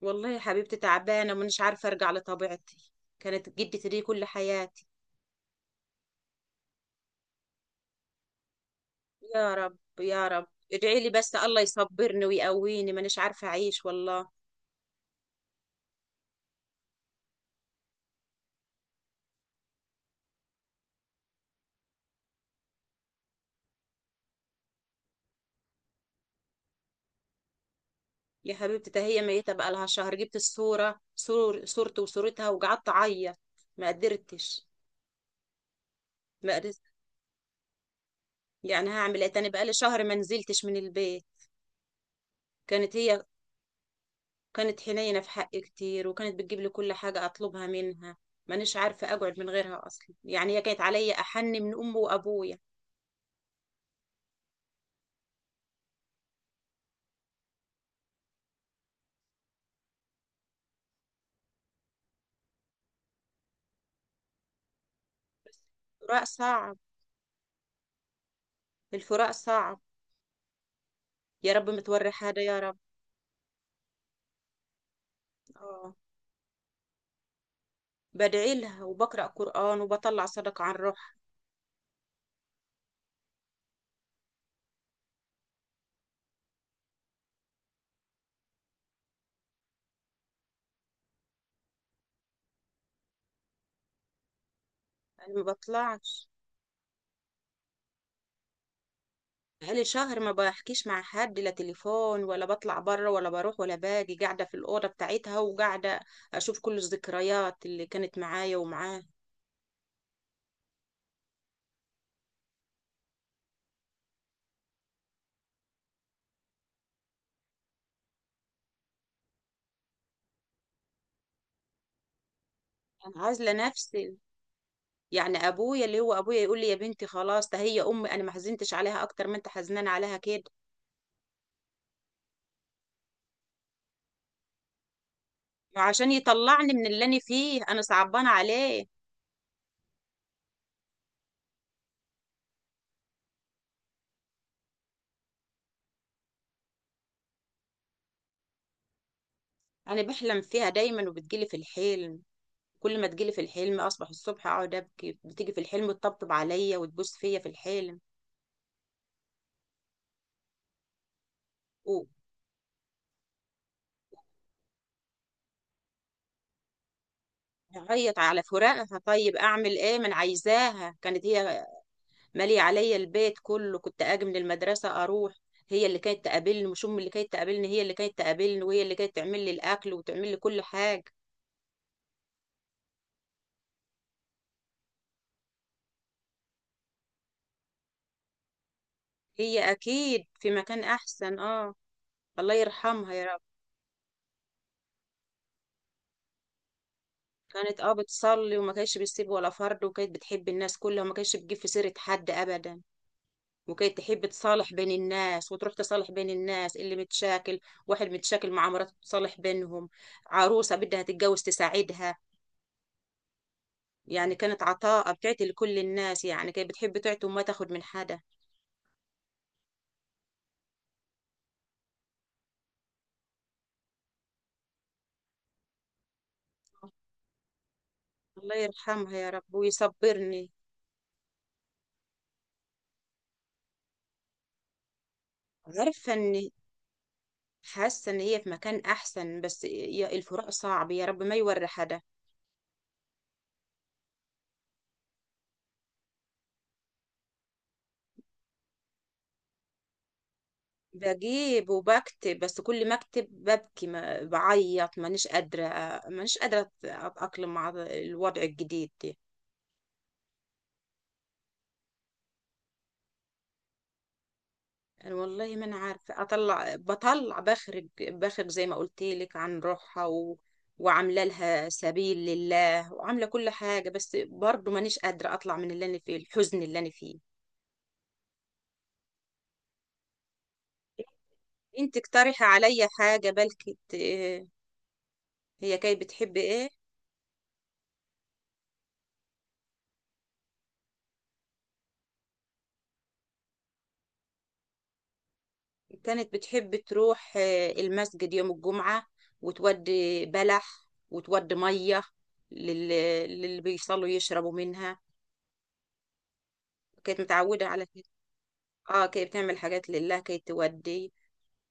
والله يا حبيبتي، تعبانة ومش عارفة أرجع لطبيعتي. كانت جدتي دي كل حياتي. يا رب يا رب. ادعي لي بس الله يصبرني ويقويني، مانيش عارفة أعيش والله. يا حبيبتي ده هي ميتة بقى لها شهر. جبت الصورة، صورتي وصورتها، وقعدت أعيط. ما قدرتش. ما قدرت. يعني هعمل إيه تاني؟ بقى لي شهر ما نزلتش من البيت. كانت هي. كانت حنينة في حقي كتير، وكانت بتجيب لي كل حاجة أطلبها منها. مانيش عارفة أقعد من غيرها أصلا. يعني هي كانت عليا أحن من أمي وأبويا. الفراق صعب. الفراق صعب. يا رب متوري حاجة يا رب. اه. بدعي لها وبقرأ قرآن وبطلع صدقة عن روحها. أنا ما بطلعش. بقالي شهر ما بحكيش مع حد، لا تليفون ولا بطلع بره ولا بروح ولا باجي. قاعدة في الأوضة بتاعتها وقاعدة أشوف كل الذكريات اللي كانت معايا ومعاها. أنا عازلة نفسي. يعني أبويا اللي هو أبويا يقول لي يا بنتي خلاص، ده هي أمي، أنا ما حزنتش عليها أكتر ما أنت حزنان عليها كده. عشان يطلعني من اللي أنا فيه، أنا صعبانة عليه. انا بحلم فيها دايما وبتجيلي في الحلم. كل ما تجيلي في الحلم اصبح الصبح اقعد ابكي. بتيجي في الحلم تطبطب عليا وتبوس فيا في الحلم. وهعيط على فراقها. طيب اعمل ايه؟ من عايزاها؟ كانت هي ماليه عليا البيت كله. كنت اجي من المدرسه اروح، هي اللي كانت تقابلني، مش ام اللي كانت تقابلني، هي اللي كانت تقابلني، وهي اللي كانت تعمل لي الاكل وتعمل لي كل حاجه. هي اكيد في مكان احسن، اه. الله يرحمها يا رب. كانت اه بتصلي، وما كانتش بتسيب ولا فرد، وكانت بتحب الناس كلها، وما كانتش بتجيب في سيرة حد ابدا. وكانت تحب تصالح بين الناس، وتروح تصالح بين الناس اللي متشاكل. واحد متشاكل مع مراته تصالح بينهم. عروسة بدها تتجوز تساعدها. يعني كانت عطاءة، بتعطي لكل الناس، يعني كانت بتحب تعطي وما تاخد من حدا. الله يرحمها يا رب ويصبرني. عارفة ان حاسة ان هي في مكان احسن، بس الفراق صعب، يا رب ما يوري حدا. بجيب وبكتب، بس كل ما اكتب ببكي، ما بعيط، مانيش قادرة. مانيش قادرة أتأقلم مع الوضع الجديد ده. أنا والله ما أنا عارفة أطلع. بطلع بخرج زي ما قلت لك، عن روحها وعاملة لها سبيل لله، وعاملة كل حاجة، بس برضه مانيش قادرة أطلع من اللي أنا فيه، الحزن اللي أنا فيه. أنت اقترحي عليا حاجة بلكي هي كانت بتحب إيه؟ كانت بتحب تروح المسجد يوم الجمعة، وتودي بلح وتودي مية لل- للي بيصلوا يشربوا منها. كانت متعودة على كده. اه كانت بتعمل حاجات لله، كانت تودي.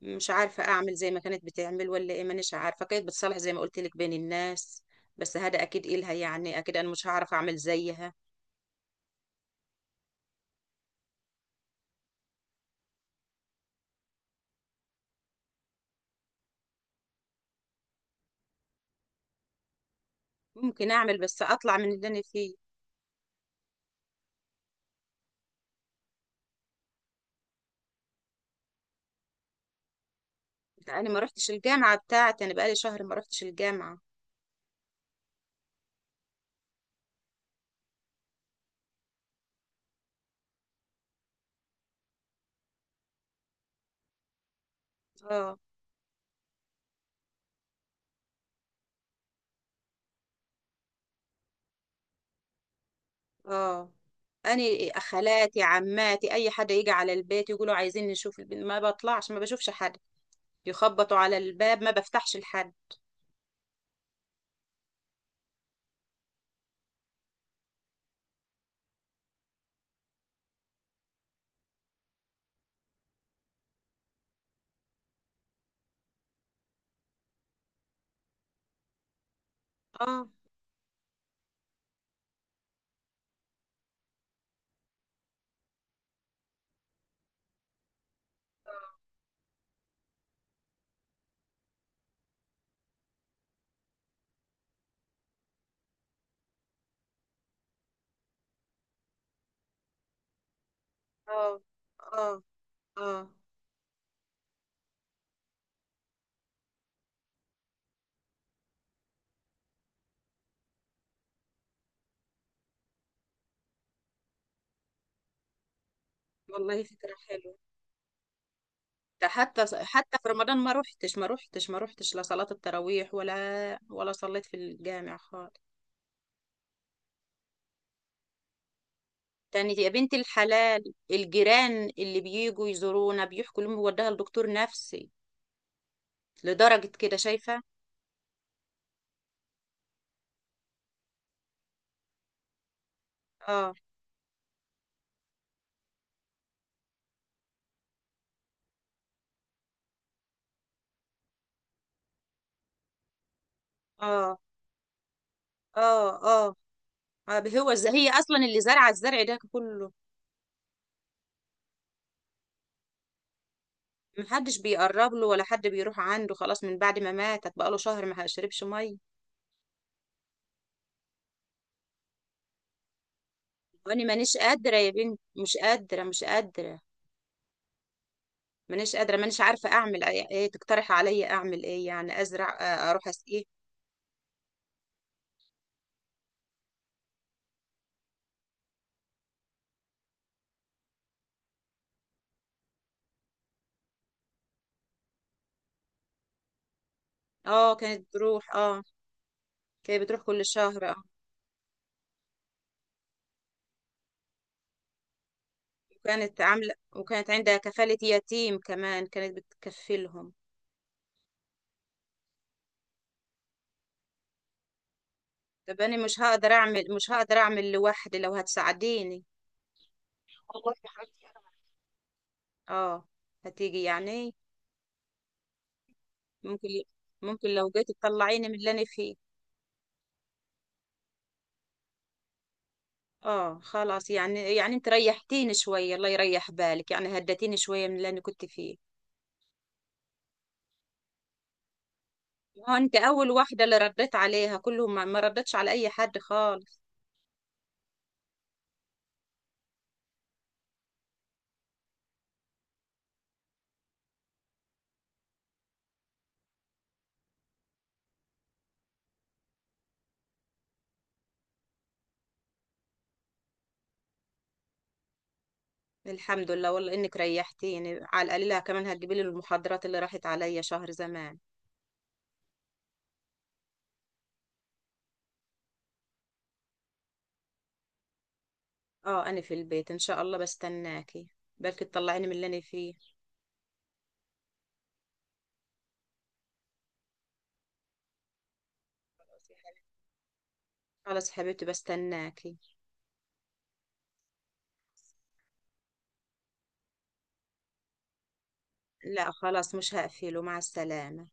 مش عارفة أعمل زي ما كانت بتعمل ولا إيه. مانيش عارفة. كانت بتصلح زي ما قلت لك بين الناس. بس هذا أكيد إلها، يعني أكيد أنا مش هعرف أعمل زيها. ممكن أعمل بس أطلع من اللي أنا فيه. أنا ما رحتش الجامعة بتاعتي، أنا بقالي شهر ما رحتش الجامعة. اه. اه. اني خالاتي عماتي اي حد يجي على البيت يقولوا عايزين نشوف البنت، ما بطلعش ما بشوفش حد. يخبطوا على الباب ما بفتحش لحد. اه. اه. اه. اه. والله فكرة حلوة. ده حتى في رمضان ما روحتش، ما روحتش، ما روحتش، لا صلاة التراويح ولا صليت في الجامع خالص. تاني يا بنت الحلال الجيران اللي بيجوا يزورونا بيحكوا لهم وداها لدكتور نفسي، لدرجة كده شايفة. اه. اه. اه. هو زي هي اصلا اللي زرعه الزرع ده كله. محدش بيقرب له ولا حد بيروح عنده خلاص، من بعد ما ماتت بقاله شهر ما شربش ميه. وانا مانيش قادره يا بنت، مش قادره مش قادره. مانيش قادره، مانيش عارفه اعمل ايه. إيه تقترح عليا اعمل ايه؟ يعني ازرع، اروح أس ايه. اه كانت بتروح، اه. كانت بتروح كل شهر، اه. وكانت عامله، وكانت عندها كفاله يتيم كمان، كانت بتكفلهم. طب انا مش هقدر اعمل، مش هقدر اعمل لوحدي، لو هتساعديني. والله يا حبيبتي. اه. هتيجي يعني؟ ممكن. ممكن لو جيت تطلعيني من اللي انا فيه. اه خلاص يعني. يعني انت ريحتيني شوية، الله يريح بالك، يعني هدتيني شوية من اللي انا كنت فيه. اه انت اول واحدة اللي رديت عليها، كلهم ما ردتش على اي حد خالص. الحمد لله، والله انك ريحتيني على القليلة. كمان هتجيبي لي المحاضرات اللي راحت عليا شهر زمان. اه انا في البيت، ان شاء الله بستناكي. بلكي تطلعيني من اللي انا فيه. خلاص يا حبيبتي بستناكي. لا خلاص مش هقفله. مع السلامة.